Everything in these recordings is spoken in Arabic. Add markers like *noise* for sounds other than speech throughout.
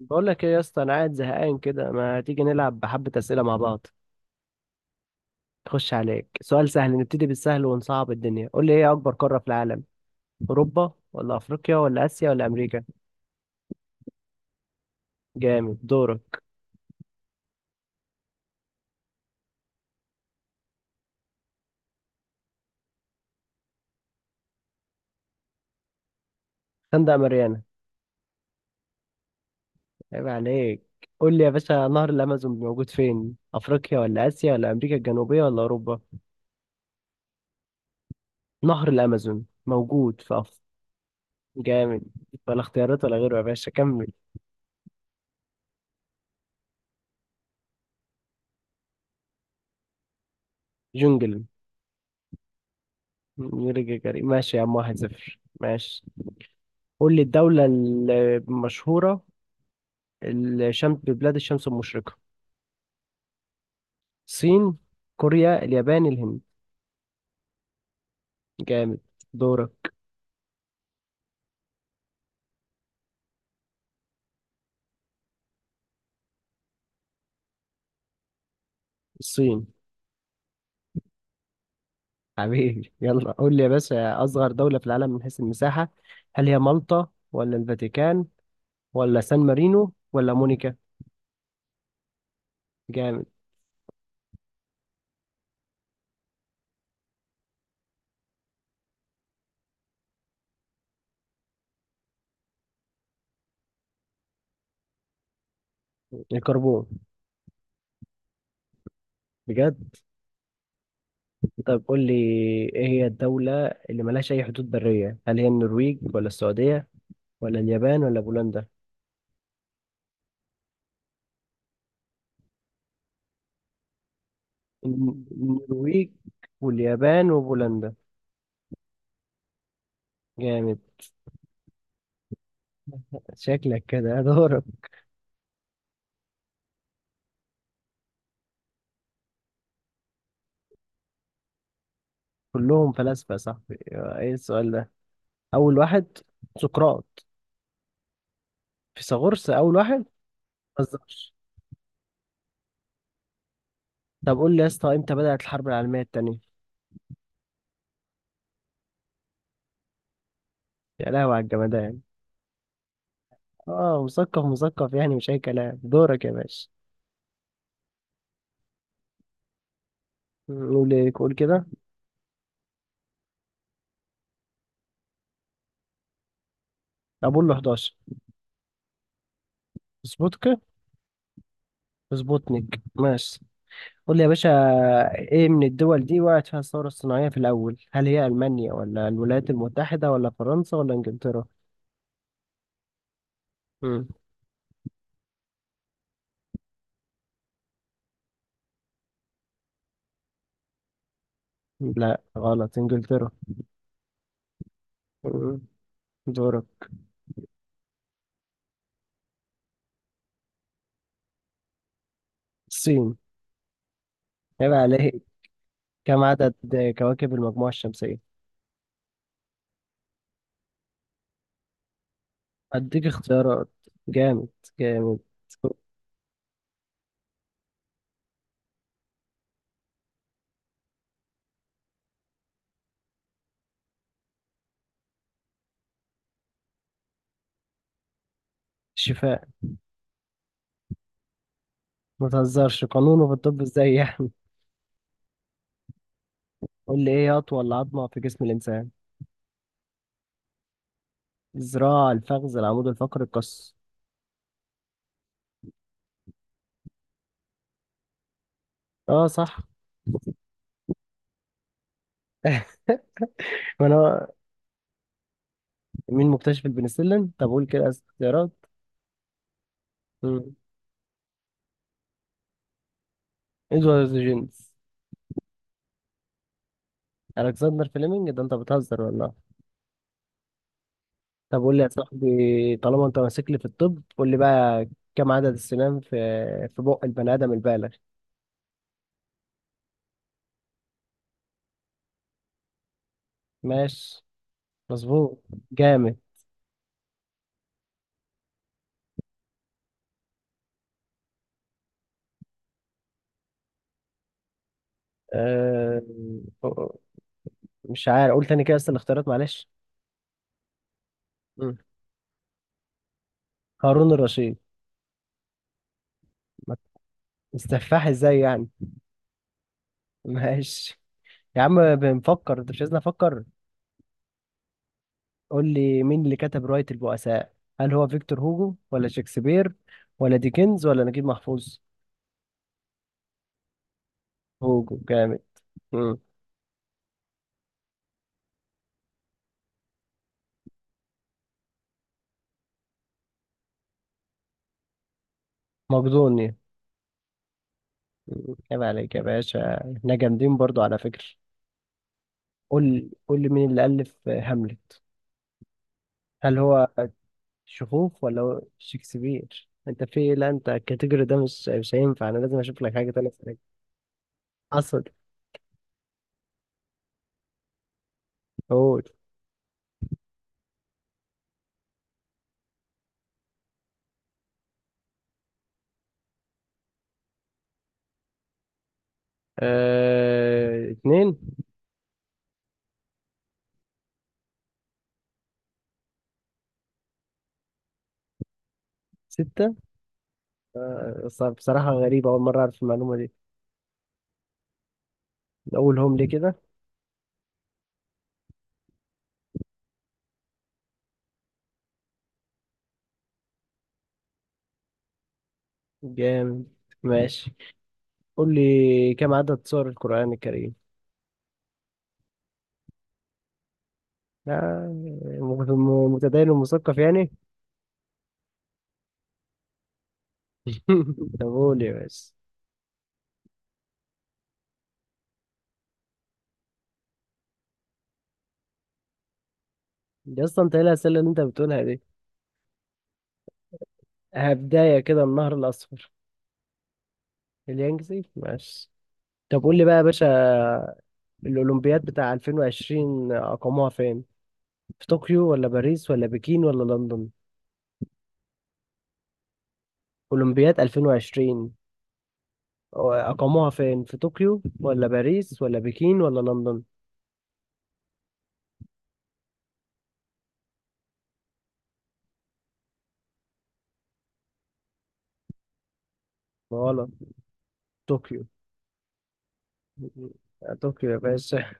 بقول لك ايه يا اسطى، انا قاعد زهقان كده. ما تيجي نلعب بحبة اسئله مع بعض. خش عليك سؤال سهل، نبتدي بالسهل ونصعب الدنيا. قول لي ايه اكبر قاره في العالم؟ اوروبا ولا افريقيا ولا اسيا ولا امريكا؟ جامد، دورك. خندق ماريانا. عيب عليك. قول لي يا باشا، نهر الامازون موجود فين؟ افريقيا ولا اسيا ولا امريكا الجنوبيه ولا اوروبا؟ نهر الامازون موجود في جامد. ولا اختيارات ولا غيره يا باشا، كمل. جونجل. يوري جاجاري ماشي يا عم، 1-0، ماشي. قول لي الدولة المشهورة الشمس، ببلاد الشمس المشرقة. الصين، كوريا، اليابان، الهند. جامد، دورك. الصين. حبيبي، يلا قول لي يا باشا، أصغر دولة في العالم من حيث المساحة، هل هي مالطا ولا الفاتيكان ولا سان مارينو ولا مونيكا؟ جامد. الكربون. بجد؟ طب قول لي، ايه هي الدولة اللي ملهاش أي حدود برية؟ هل هي النرويج ولا السعودية ولا اليابان ولا بولندا؟ النرويج واليابان وبولندا. جامد. شكلك كده *laughs* دورك. كلهم فلاسفة يا صاحبي، ايه السؤال ده؟ اول واحد سقراط. فيثاغورس اول واحد. مهزرش. طب قول لي يا اسطى، امتى بدأت الحرب العالمية التانية؟ يا لهوي على الجمدان. اه، مثقف مثقف يعني، مش اي كلام. دورك يا باشا. قول ايه، قول كده. اقول له 11. سبوتك. سبوتنيك، ماشي. قول لي يا باشا، ايه من الدول دي وقعت فيها الثورة الصناعية في الاول؟ هل هي المانيا ولا الولايات المتحدة ولا فرنسا ولا انجلترا؟ مم. لا، غلط، إنجلترا. مم. دورك. الصين. عيب عليك. كم عدد كواكب المجموعة الشمسية؟ أديك اختيارات. جامد، جامد. شفاء. ما تهزرش، قانونه في الطب ازاي يعني؟ قول لي ايه هي أطول عظمة في جسم الإنسان؟ الذراع، الفخذ، العمود الفقري، القص. اه، صح. *laughs* ما انا. مين مكتشف البنسلين؟ طب قول كده اختيارات. مم. ادوارد جينز. الكسندر فليمنج، ده انت بتهزر والله. طب قول لي يا صاحبي، طالما انت ماسك لي في الطب قول لي بقى، كم عدد السنان في في بق البني ادم البالغ؟ ماشي، مظبوط. جامد. أه... مش عارف، قول تاني كده بس الاختيارات، معلش. مم. هارون الرشيد. ما- السفاح ازاي يعني؟ *laughs* ماشي. يا عم بنفكر، انت مش عايزني افكر. قول لي مين اللي كتب رواية البؤساء؟ هل هو فيكتور هوجو ولا شكسبير ولا ديكنز ولا نجيب محفوظ؟ هوجو، جامد. مم. مقدوني. عيب عليك يا باشا، احنا جامدين برضو على فكرة. قول، قول لي مين اللي ألف هاملت؟ هل هو شخوخ ولا هو شكسبير؟ انت في إيه؟ لا، انت الكاتيجوري ده مش هينفع، انا لازم اشوف لك حاجة تانية أسألك. اصل. قول. اه... اتنين. ستة. بصراحة غريبة، أول مرة أعرف المعلومة دي. أقولهم لي كده. جامد، ماشي. قول لي كم عدد سور القرآن الكريم؟ متدين ومثقف يعني. *laughs* طب قول يا باشا. يا اسطى انت ايه الاسئله اللي انت بتقولها دي؟ هبدايه كده، النهر الاصفر. اليانجزي، ماشي. طب قول لي بقى يا باشا، الاولمبياد بتاع 2020 اقاموها فين؟ في طوكيو ولا باريس ولا بكين ولا لندن؟ اولمبياد 2020 اقاموها فين؟ في طوكيو ولا باريس ولا بكين ولا لندن؟ غلط. طوكيو. طوكيو يا باشا.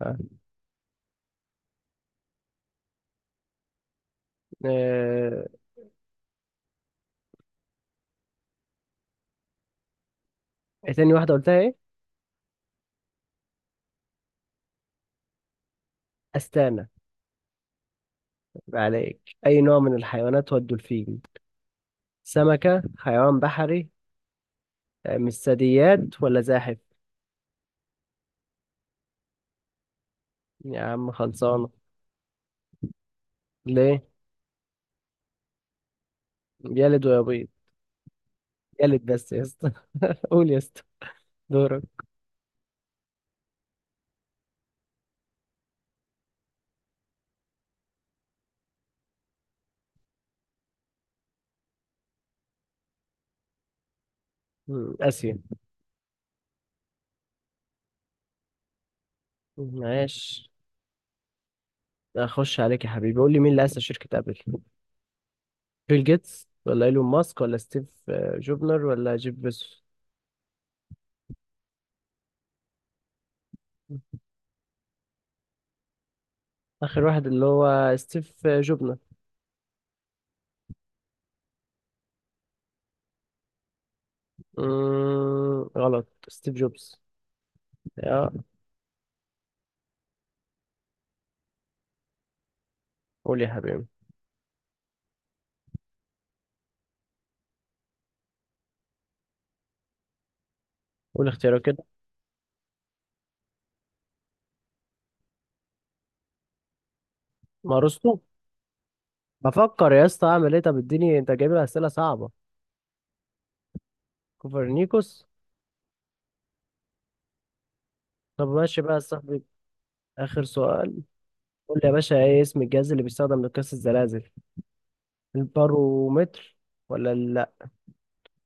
اه. آه، ايه تاني واحده قلتها، ايه؟ استانا. يبقى عليك. اي نوع من الحيوانات هو الدولفين؟ سمكه، حيوان بحري، مش ثدييات ولا زاحف؟ يا عم خلصانة. ليه؟ يلد ويبيض. يلد بس يا اسطى. *laughs* قول يا اسطى، دورك. مم، آسيا. ماشي. أخش عليك يا حبيبي، قول لي مين اللي أسس شركة أبل؟ بيل جيتس ولا إيلون ماسك ولا ستيف جوبنر ولا جيف بيزوس؟ آخر واحد اللي هو ستيف جوبنر. مم، غلط، ستيف جوبز. يا. قول يا حبيبي. قول اختيارك كده. ما رستو. بفكر يا اسطى أعمل إيه، طب اديني أنت جايب لي أسئلة صعبة. كوبرنيكوس. طب ماشي بقى يا صاحبي. آخر سؤال. قول لي يا باشا إيه اسم الجهاز اللي بيستخدم لقياس الزلازل؟ البارومتر ولا لا،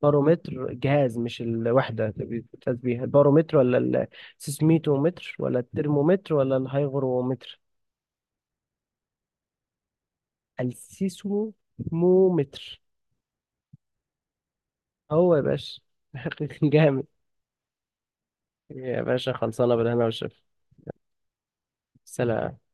بارومتر جهاز، مش الوحدة اللي بتقيس بيها البارومتر، ولا السيسميتومتر ولا الترمومتر ولا الهيغرومتر؟ السيسمومتر. هو يا باشا. *laughs* جامد. يا باشا خلصانة، بالهنا والشفا. سلام.